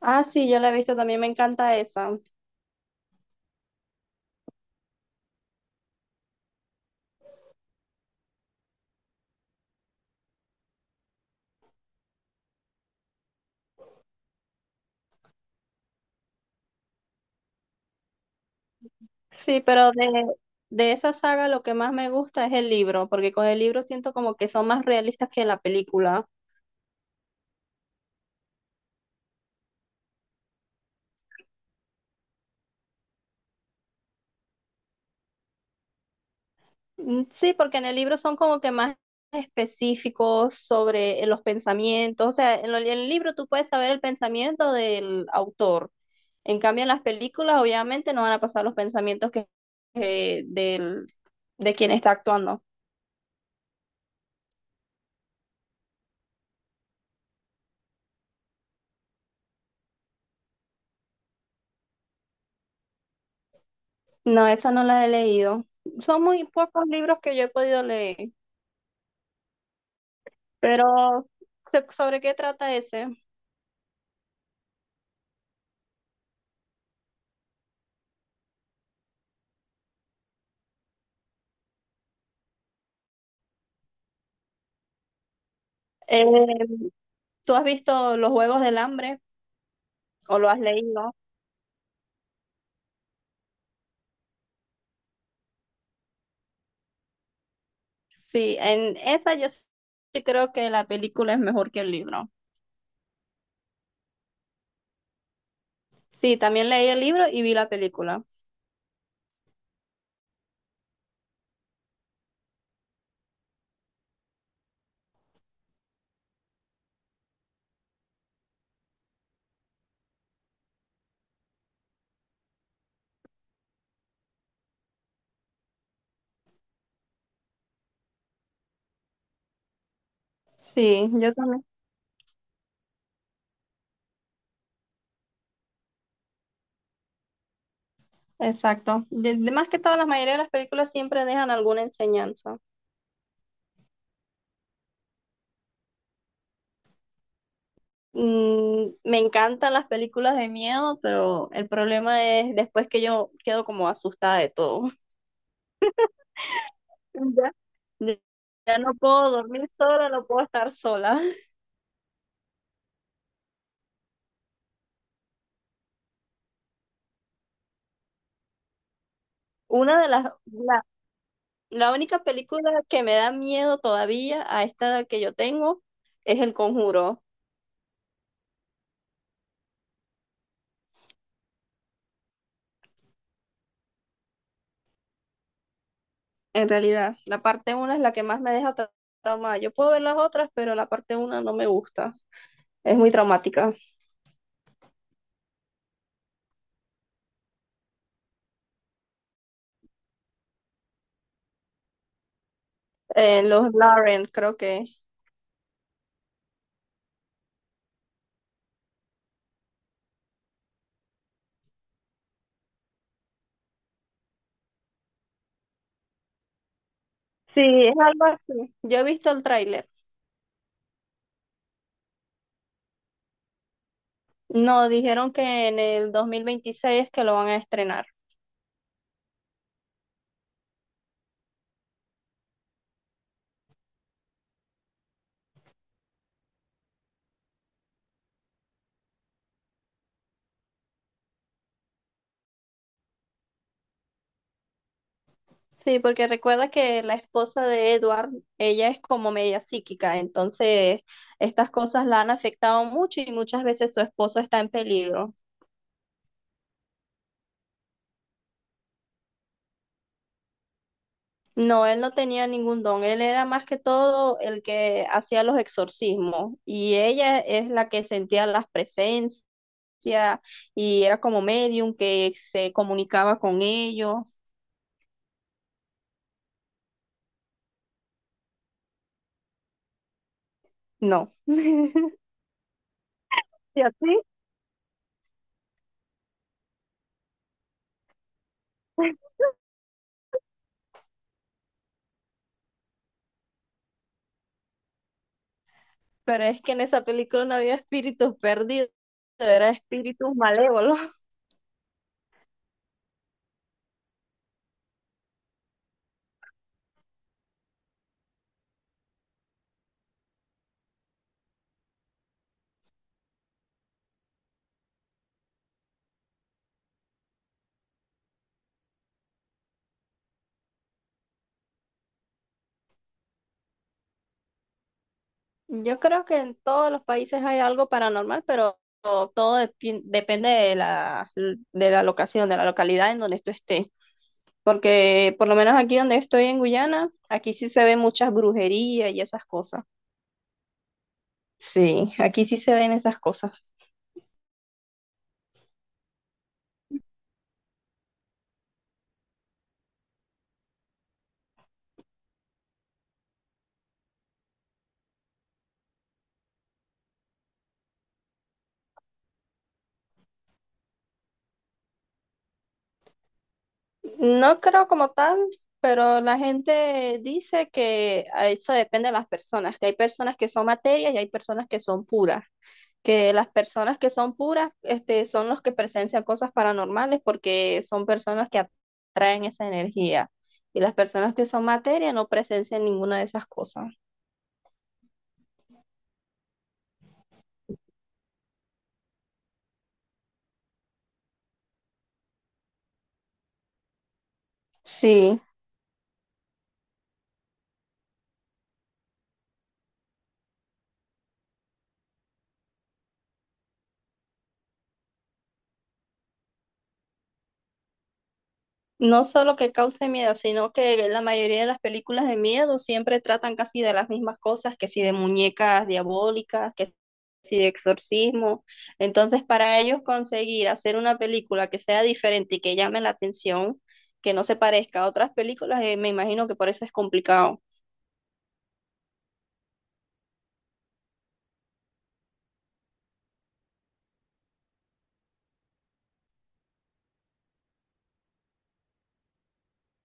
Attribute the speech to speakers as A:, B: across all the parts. A: Ah, sí, yo la he visto, también me encanta esa. Sí, de esa saga lo que más me gusta es el libro, porque con el libro siento como que son más realistas que la película. Mm, sí, porque en el libro son como que más específicos sobre los pensamientos. O sea, en el libro tú puedes saber el pensamiento del autor. En cambio, en las películas obviamente no van a pasar los pensamientos que del, de quien está actuando. No, esa no la he leído. Son muy pocos libros que yo he podido leer. Pero, ¿sobre qué trata ese? Eh, ¿Tú has visto Los Juegos del Hambre o lo has leído? Sí, en esa yo sí creo que la película es mejor que el libro. Sí, también leí el libro y vi la película. Sí, yo también. Exacto. Más que todas la mayoría de las películas siempre dejan alguna enseñanza. Mm, me encantan las películas de miedo, pero el problema es después que yo quedo como asustada de todo. Ya, ya ya no puedo dormir sola, no puedo estar sola. Una de las, La única película que me da miedo todavía a esta edad que yo tengo es El Conjuro, en realidad. La parte una es la que más me deja traumada. Yo puedo ver las otras, pero la parte una no me gusta. Es muy traumática. Los Lauren, creo que. Sí, es algo así. Yo he visto el tráiler. No, dijeron que en el 2026 es que lo van a estrenar. Sí, porque recuerda que la esposa de Edward, ella es como media psíquica, entonces estas cosas la han afectado mucho y muchas veces su esposo está en peligro. No, él no tenía ningún don, él era más que todo el que hacía los exorcismos y ella es la que sentía las presencias y era como medium que se comunicaba con ellos. No. ¿Y a ti? Pero es que en esa película no había espíritus perdidos, eran espíritus malévolos. Yo creo que en todos los países hay algo paranormal, pero todo depende de la locación, de la localidad en donde tú estés. Porque por lo menos aquí donde estoy en Guyana, aquí sí se ven muchas brujerías y esas cosas. Sí, aquí sí se ven esas cosas. No creo como tal, pero la gente dice que a eso depende de las personas, que hay personas que son materias y hay personas que son puras, que las personas que son puras, este, son los que presencian cosas paranormales porque son personas que atraen esa energía y las personas que son materia no presencian ninguna de esas cosas. Sí, no solo que cause miedo, sino que la mayoría de las películas de miedo siempre tratan casi de las mismas cosas, que si de muñecas diabólicas, que y de exorcismo. Entonces, para ellos conseguir hacer una película que sea diferente y que llame la atención, que no se parezca a otras películas, me imagino que por eso es complicado.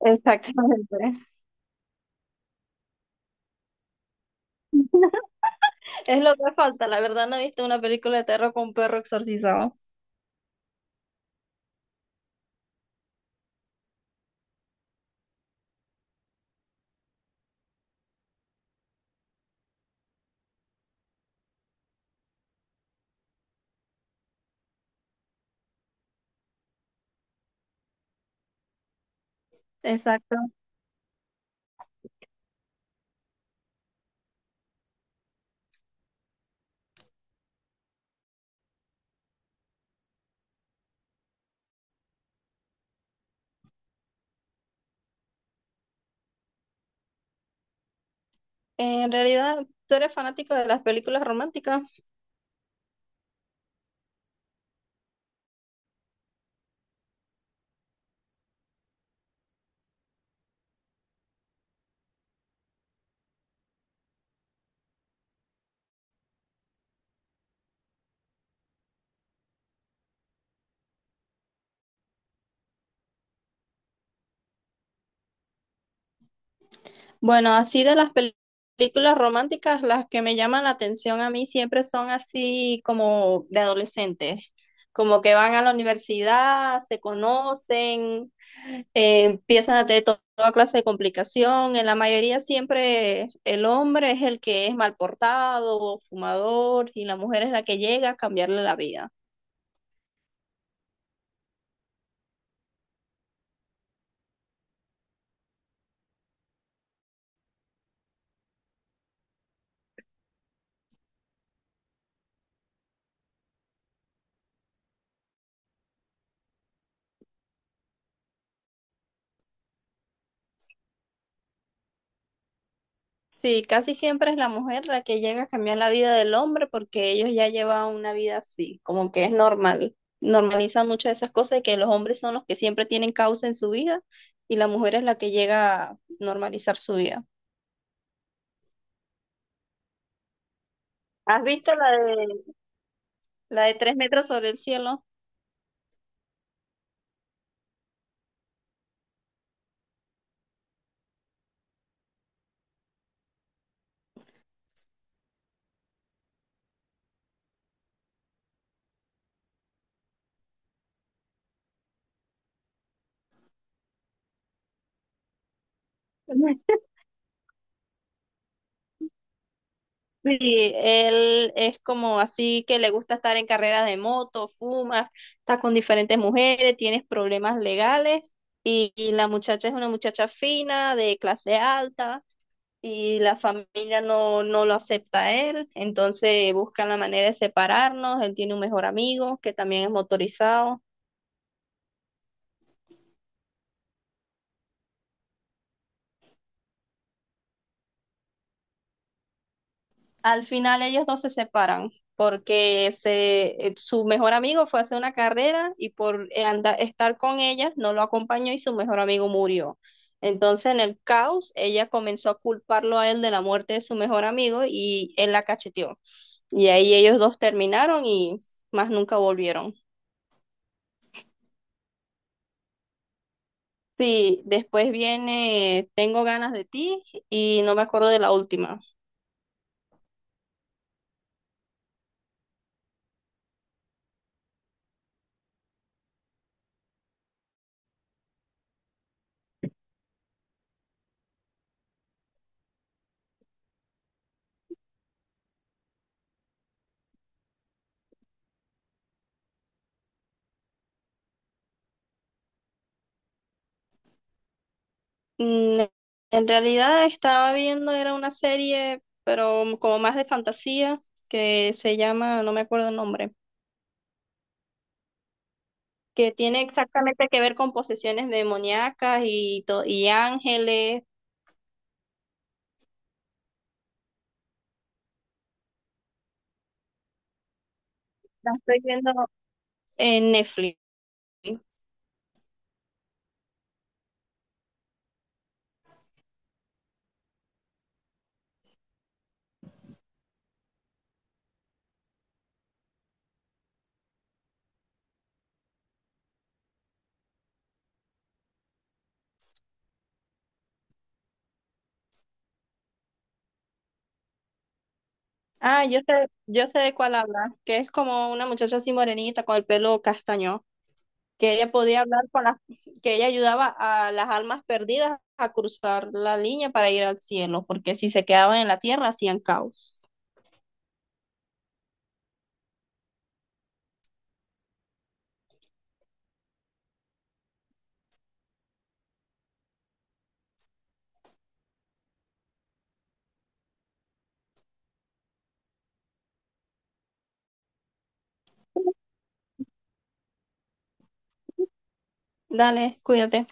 A: Exactamente. Es lo que falta. La verdad no he visto una película de terror con perro exorcizado. Exacto. En realidad, ¿tú eres fanático de las películas románticas? Bueno, así películas románticas, las que me llaman la atención a mí siempre son así como de adolescentes, como que van a la universidad, se conocen, empiezan a tener toda clase de complicación. En la mayoría siempre el hombre es el que es mal portado, fumador, y la mujer es la que llega a cambiarle la vida. Sí, casi siempre es la mujer la que llega a cambiar la vida del hombre porque ellos ya llevan una vida así, como que es normal. Normalizan muchas de esas cosas y que los hombres son los que siempre tienen causa en su vida y la mujer es la que llega a normalizar su vida. ¿Has visto la de, ¿La de tres metros sobre el cielo? Sí, él es como así que le gusta estar en carreras de moto, fuma, está con diferentes mujeres, tienes problemas legales y la muchacha es una muchacha fina, de clase alta y la familia no lo acepta a él, entonces buscan la manera de separarnos, él tiene un mejor amigo que también es motorizado. Al final ellos no se separan porque su mejor amigo fue a hacer una carrera y estar con ella no lo acompañó y su mejor amigo murió. Entonces en el caos ella comenzó a culparlo a él de la muerte de su mejor amigo y él la cacheteó. Y ahí ellos dos terminaron y más nunca volvieron. Sí, después viene Tengo ganas de ti y no me acuerdo de la última. Mm, en realidad estaba viendo, era una serie, pero como más de fantasía, que se llama, no me acuerdo el nombre, que tiene exactamente que ver con posesiones demoníacas y ángeles. La estoy viendo en Netflix. Ah, yo sé de cuál habla, que es como una muchacha así morenita con el pelo castaño. Que ella podía hablar con las, que ella ayudaba a las almas perdidas a cruzar la línea para ir al cielo, porque si se quedaban en la tierra hacían caos. Dale, cuídate.